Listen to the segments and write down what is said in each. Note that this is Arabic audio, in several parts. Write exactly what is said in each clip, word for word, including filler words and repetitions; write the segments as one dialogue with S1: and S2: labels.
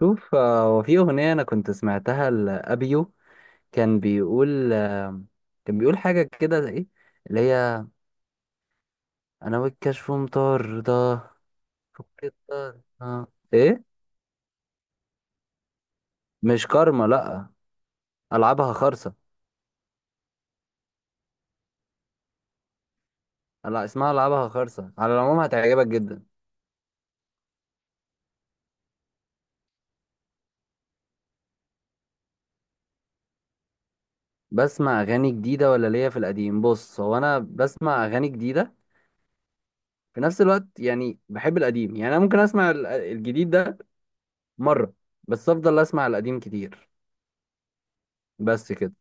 S1: شوف آه، هو في أغنية أنا كنت سمعتها لأبيو كان بيقول آه، كان بيقول حاجة كده إيه اللي هي أنا والكشف مطاردة فك الطاردة. إيه؟ مش كارما، لأ، ألعابها خرصة. لا، اسمها ألعابها خرصة، على العموم هتعجبك جدا. بسمع أغاني جديدة ولا ليا في القديم؟ بص، هو أنا بسمع أغاني جديدة في نفس الوقت، يعني بحب القديم، يعني أنا ممكن أسمع ال- الجديد ده مرة، بس أفضل أسمع القديم كتير. بس كده.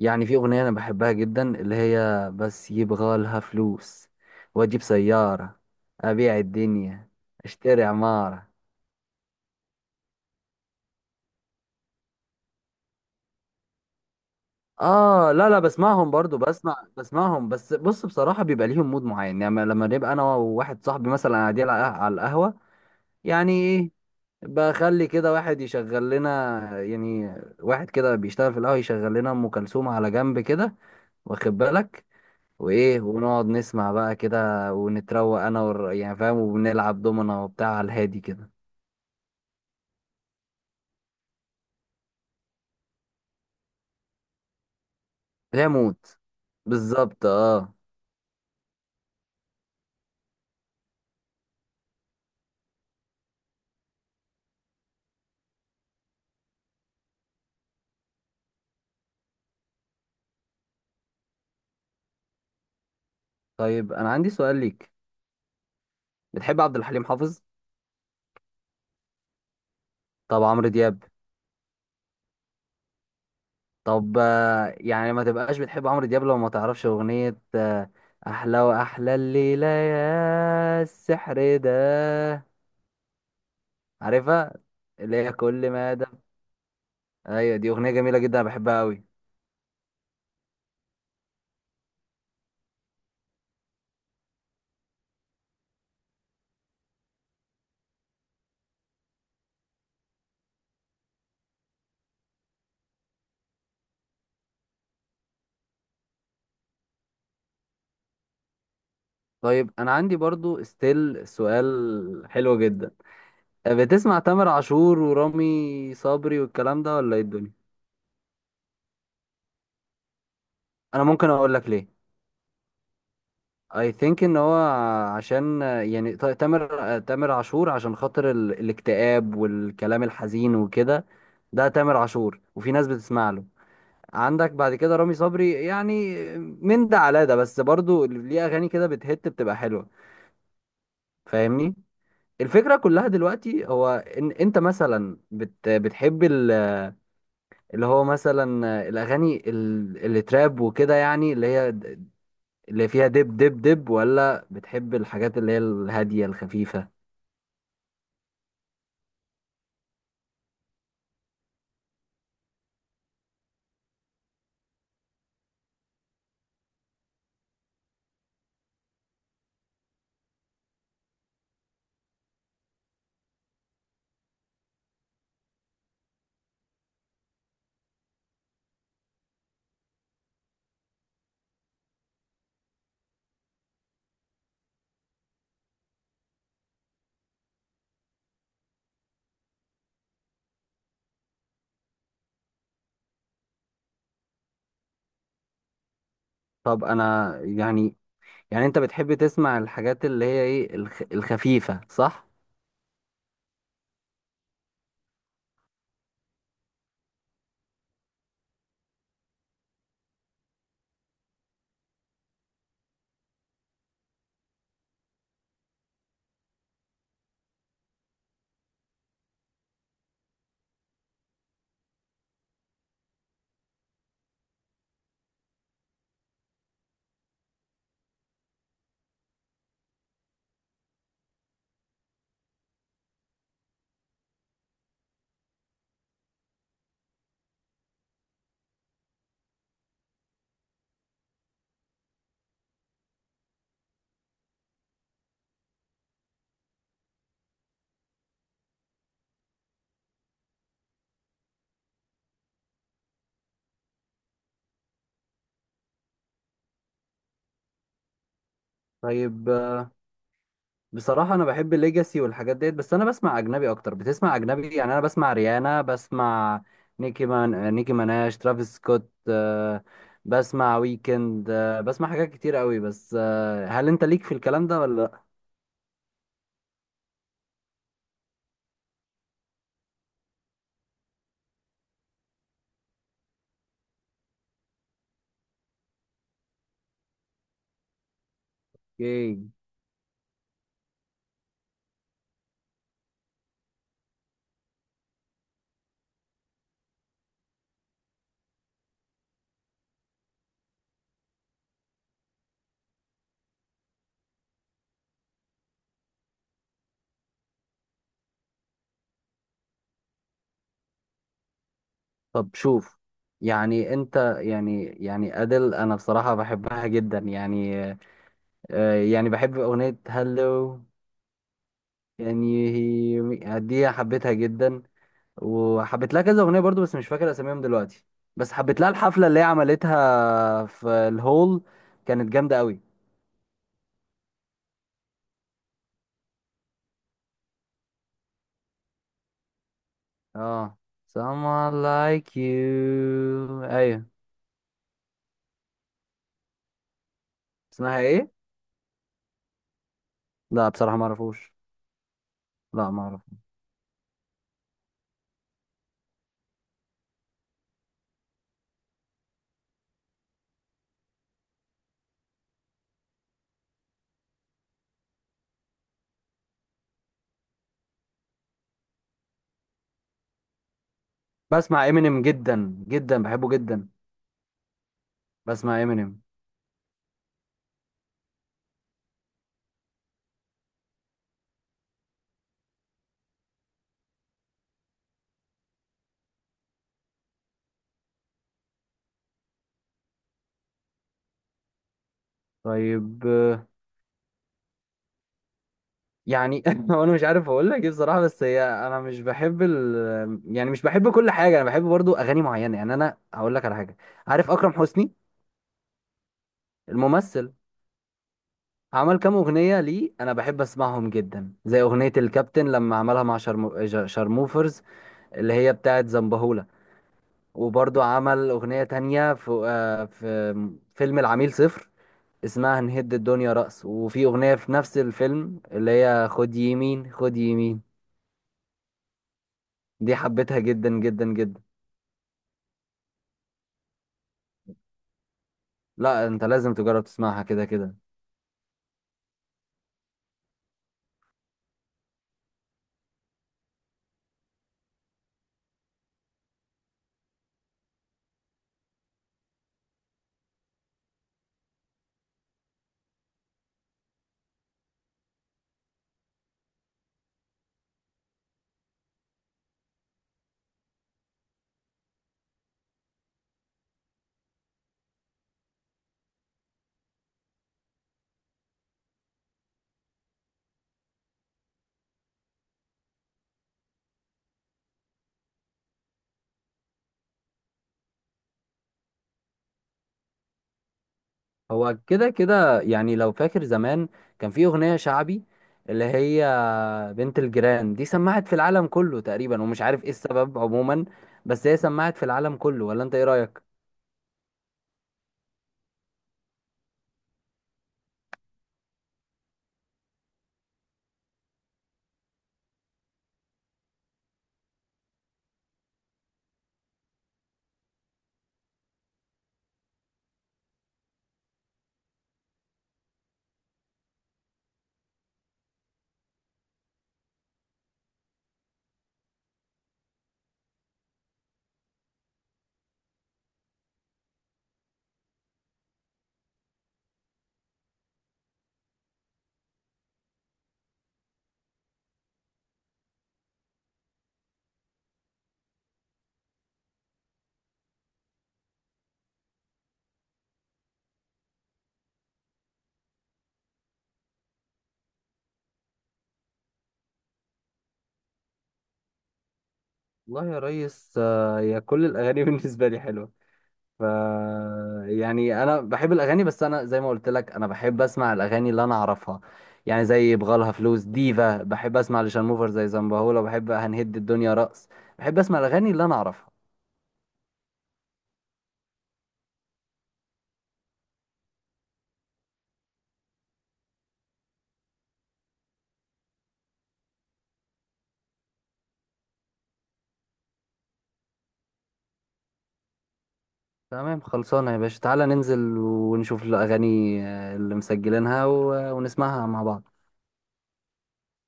S1: يعني في أغنية أنا بحبها جدا اللي هي بس يبغى لها فلوس وأجيب سيارة، أبيع الدنيا، أشتري عمارة. آه لا لا، بسمعهم برضو، بسمع بسمعهم بس بص، بصراحة بيبقى ليهم مود معين، يعني لما نبقى أنا وواحد صاحبي مثلا قاعدين على على القهوة، يعني إيه، بخلي كده واحد يشغل لنا، يعني واحد كده بيشتغل في القهوة يشغل لنا أم كلثوم على جنب كده، واخد بالك، وايه، ونقعد نسمع بقى كده ونتروق انا والر... يعني فاهم، وبنلعب دومنا وبتاع على الهادي كده. لا موت. بالظبط اه. طيب انا عندي سؤال ليك، بتحب عبد الحليم حافظ؟ طب عمرو دياب؟ طب آه، يعني ما تبقاش بتحب عمرو دياب لو ما تعرفش اغنية آه، احلى واحلى الليلة يا السحر ده. عارفها؟ اللي هي كل ما ده. ايوه دي اغنية جميلة جدا، أنا بحبها قوي. طيب انا عندي برضو ستيل سؤال حلو جدا، بتسمع تامر عاشور ورامي صبري والكلام ده ولا ايه الدنيا؟ انا ممكن اقول لك ليه. I think ان هو، عشان يعني ت- تامر تامر عاشور عشان خاطر ال... الاكتئاب والكلام الحزين وكده، ده تامر عاشور وفي ناس بتسمع له. عندك بعد كده رامي صبري، يعني من ده على ده، بس برضو ليه اغاني كده بتهت بتبقى حلوة. فاهمني؟ الفكرة كلها دلوقتي هو ان انت مثلا بت... بتحب ال... اللي هو مثلا الاغاني ال- اللي تراب وكده، يعني اللي هي د- اللي فيها دب دب دب، ولا بتحب الحاجات اللي هي الهاديه الخفيفه؟ طب انا يعني، يعني انت بتحب تسمع الحاجات اللي هي ايه الخ- الخفيفه، صح؟ طيب آه، بصراحه انا بحب الليجاسي والحاجات ديت، بس انا بسمع اجنبي اكتر. بتسمع اجنبي؟ يعني انا بسمع ريانا، بسمع نيكي مان نيكي ماناش، ترافيس سكوت، آه، بسمع ويكند، آه، بسمع حاجات كتير قوي بس. آه، هل انت ليك في الكلام ده ولا؟ اوكي. طب شوف، يعني انت يعني يعني ادل انا بصراحة بحبها جدا، يعني آه، يعني بحب اغنية هلو. يعني هي دي حبيتها جدا وحبيت لها كذا اغنية برضو، بس مش فاكر اساميهم دلوقتي. بس حبيت لها الحفلة اللي هي عملتها في الهول، كانت جامدة قوي. اه، someone like you، ايوه. اسمها ايه؟ لا بصراحة ما اعرفوش. لا ما اعرف. بسمع امينيم جدا جدا، بحبه جدا. بسمع امينيم. طيب آه، يعني هو انا مش عارف اقول لك ايه بصراحه، بس هي انا مش بحب ال... يعني مش بحب كل حاجه، انا بحب برضو اغاني معينه. يعني انا هقول لك على حاجه، عارف اكرم حسني؟ الممثل، عمل كام اغنيه ليه انا بحب اسمعهم جدا، زي اغنيه الكابتن لما عملها مع شرمو... ج- شرموفرز، اللي هي بتاعه زنبهولة. وبرضو عمل اغنيه تانية في آه، في فيلم العميل صفر اسمها نهد الدنيا رأس، وفي اغنيه في نفس الفيلم اللي هي خد يمين خد يمين. دي حبيتها جدا جدا جدا. لا انت لازم تجرب تسمعها كده كده. هو كده كده، يعني لو فاكر زمان كان في اغنية شعبي اللي هي بنت الجيران، دي سمعت في العالم كله تقريبا ومش عارف ايه السبب عموما، بس هي سمعت في العالم كله، ولا انت ايه رأيك؟ والله يا ريس آه، يا كل الاغاني بالنسبة لي حلوة. ف يعني انا بحب الاغاني، بس انا زي ما قلت لك انا بحب اسمع الاغاني اللي انا اعرفها، يعني زي بغالها فلوس ديفا، بحب اسمع لشانموفر زي زنبهولة، بحب هنهد الدنيا رقص، بحب اسمع الاغاني اللي انا اعرفها. تمام خلصانه يا باشا، تعالى ننزل ونشوف الاغاني آه، اللي مسجلينها و... ونسمعها مع بعض.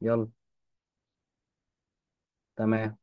S1: يلا. تمام.